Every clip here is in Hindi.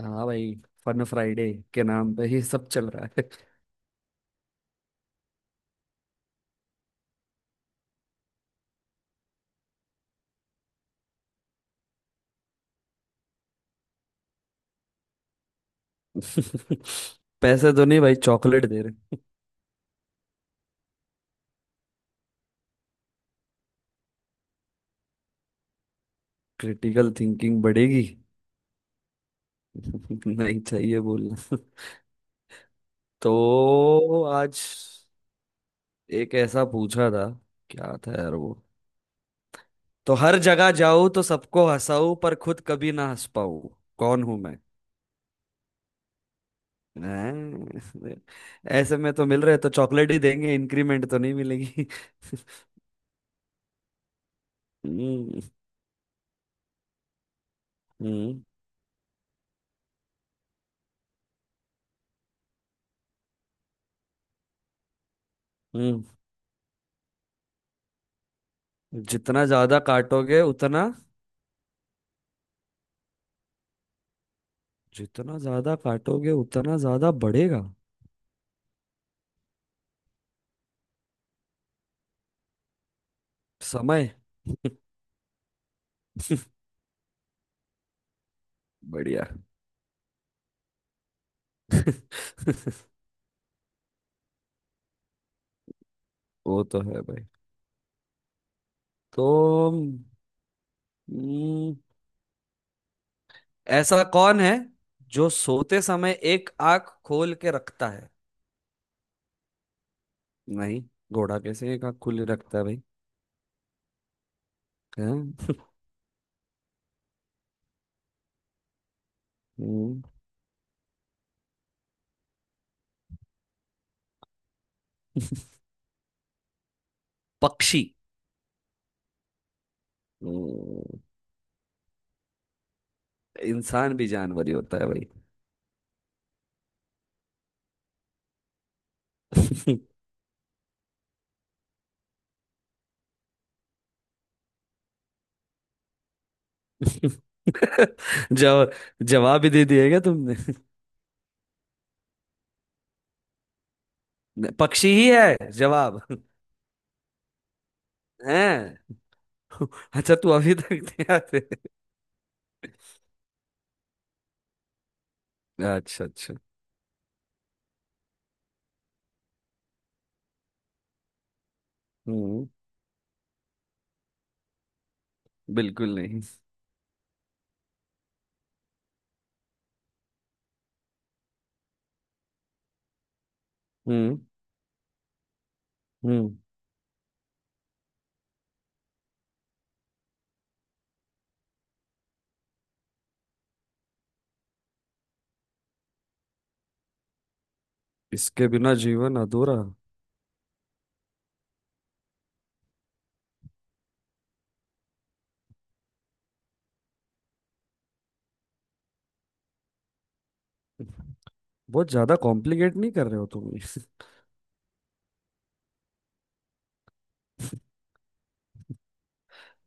हाँ भाई। फन फ्राइडे के नाम पे ये सब चल रहा है। पैसे तो नहीं भाई, चॉकलेट दे रहे। क्रिटिकल थिंकिंग बढ़ेगी। नहीं चाहिए बोलना। तो आज एक ऐसा पूछा था। क्या था यार वो। तो हर जगह जाऊं तो सबको हंसाऊं, पर खुद कभी ना हंस पाऊं। कौन हूं मैं? हैं? ऐसे में तो मिल रहे तो चॉकलेट ही देंगे, इंक्रीमेंट तो नहीं मिलेगी। हम्म, हम्म। जितना ज्यादा काटोगे उतना। जितना ज्यादा काटोगे उतना ज्यादा बढ़ेगा। समय। बढ़िया। वो तो है भाई। तो हम्म, ऐसा कौन है जो सोते समय एक आंख खोल के रखता है? नहीं। घोड़ा कैसे एक आंख खुली रखता है भाई? हैं? हम्म। पक्षी। हम्म, इंसान भी जानवर ही होता है भाई। जवाब। जवाब ही दे दिएगा तुमने। पक्षी ही है जवाब। हैं। अच्छा, तू अभी तक तैयार है? अच्छा, अच्छा। हम्म। बिल्कुल नहीं। हम्म, हम्म। इसके बिना जीवन अधूरा। बहुत ज्यादा कॉम्प्लिकेट नहीं कर रहे हो तुम ये।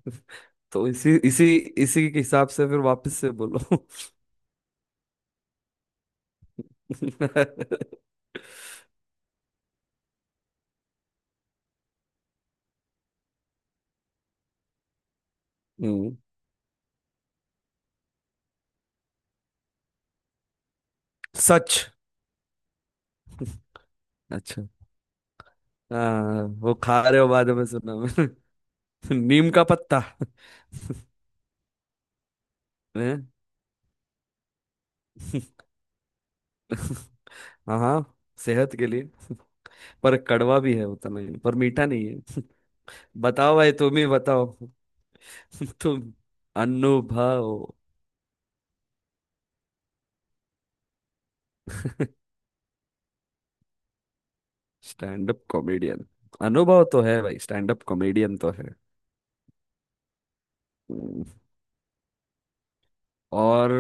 तो इसी इसी इसी के हिसाब से फिर वापस से बोलो। हम्म। सच? अच्छा, हाँ, वो खा रहे हो बाद में सुना मैंने। नीम का पत्ता। हैं? हाँ, हाँ, सेहत के लिए। पर कड़वा भी है उतना ही, पर मीठा नहीं है। बताओ भाई, तुम ही बताओ। तुम। Anubhav. Stand up comedian. Anubhav तो है भाई, स्टैंड अप कॉमेडियन तो है। हम्म। और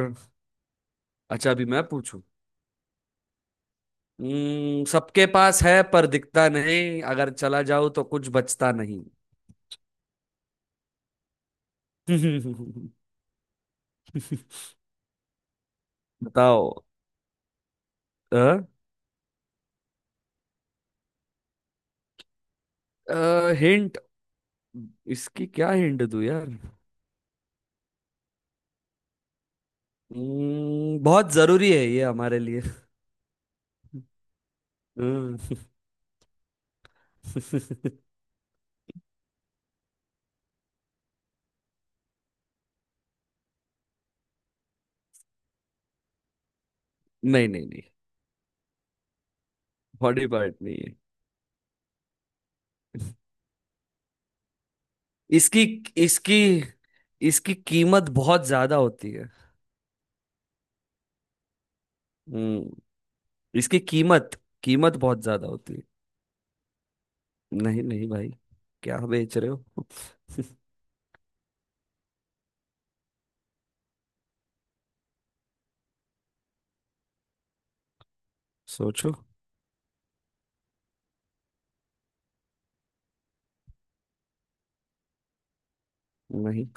अच्छा, अभी मैं पूछूं। सबके पास है पर दिखता नहीं, अगर चला जाऊं तो कुछ बचता नहीं। बताओ। अ? हिंट। इसकी क्या हिंट दूं यार। बहुत जरूरी है ये हमारे लिए। हम्म। नहीं, नहीं, नहीं। बॉडी पार्ट नहीं। इसकी इसकी इसकी कीमत बहुत ज्यादा होती है। हम्म। इसकी कीमत, कीमत बहुत ज्यादा होती है। नहीं, नहीं भाई, क्या बेच रहे हो? सोचो। नहीं,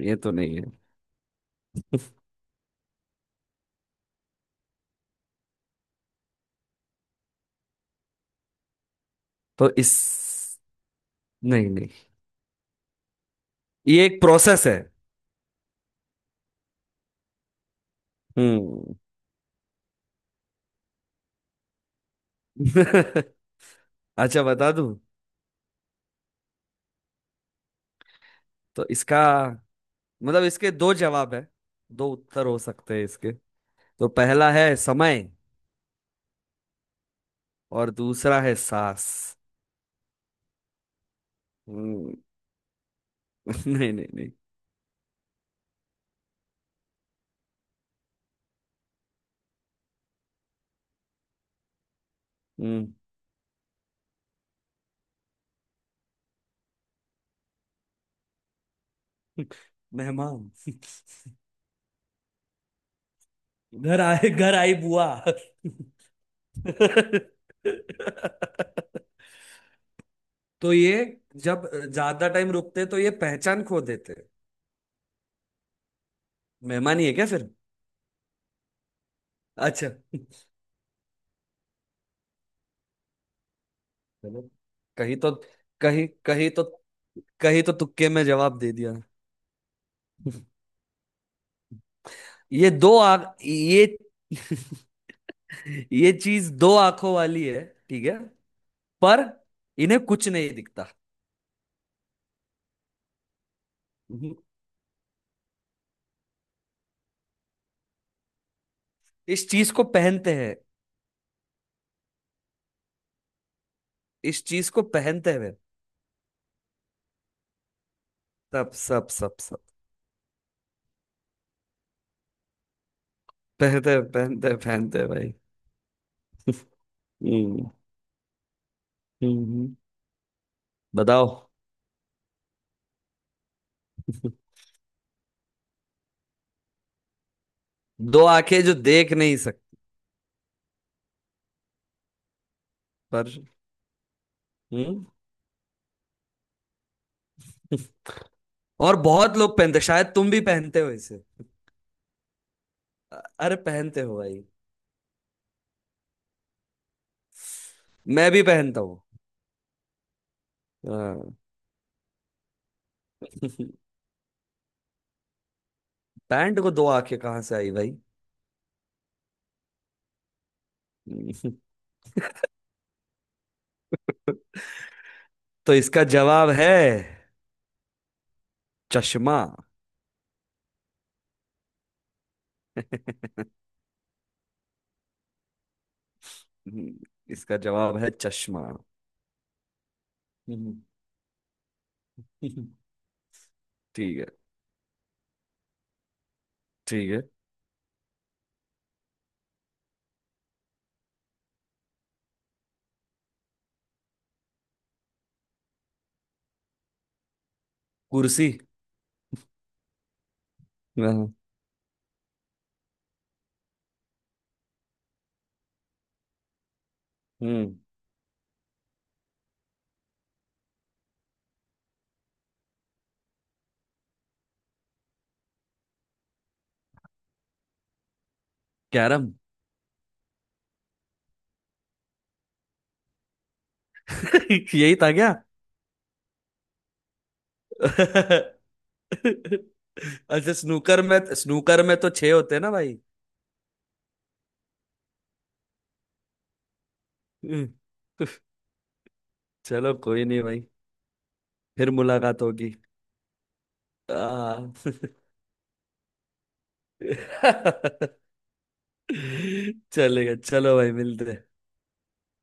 ये तो नहीं है। तो इस नहीं, नहीं, ये एक प्रोसेस है। हम्म। अच्छा, बता दूं। तो इसका मतलब इसके दो जवाब है, दो उत्तर हो सकते हैं इसके। तो पहला है समय, और दूसरा है सांस। हम्म। नहीं, नहीं, नहीं। हम्म। मेहमान। घर आए, घर आई बुआ। तो ये जब ज्यादा टाइम रुकते तो ये पहचान खो देते। मेहमान ही है क्या फिर? अच्छा। चलो। कहीं तो कहीं कहीं तो कहीं तो तुक्के में जवाब दे दिया। ये दो आंख ये ये चीज दो आंखों वाली है, ठीक है। पर इन्हें कुछ नहीं दिखता। इस चीज को पहनते हैं इस चीज को पहनते हैं सब, सब, सब, सब। पहनते, पहनते, पहनते भाई। हम्म, हम्म। बताओ। दो आंखें जो देख नहीं सकते, पर हम्म। और बहुत लोग पहनते, शायद तुम भी पहनते हो इसे। अरे पहनते हो भाई। मैं भी पहनता हूँ। हाँ। पैंट को दो आंखें कहाँ से आई भाई? तो इसका जवाब है चश्मा। इसका जवाब है चश्मा। हम्म। ठीक है, ठीक है। कुर्सी? हाँ। हम्म। कैरम। यही था क्या? अच्छा, स्नूकर में तो छह होते हैं ना भाई। हम्म, चलो कोई नहीं भाई। फिर मुलाकात होगी। आ चलेगा, चलो भाई, मिलते हैं।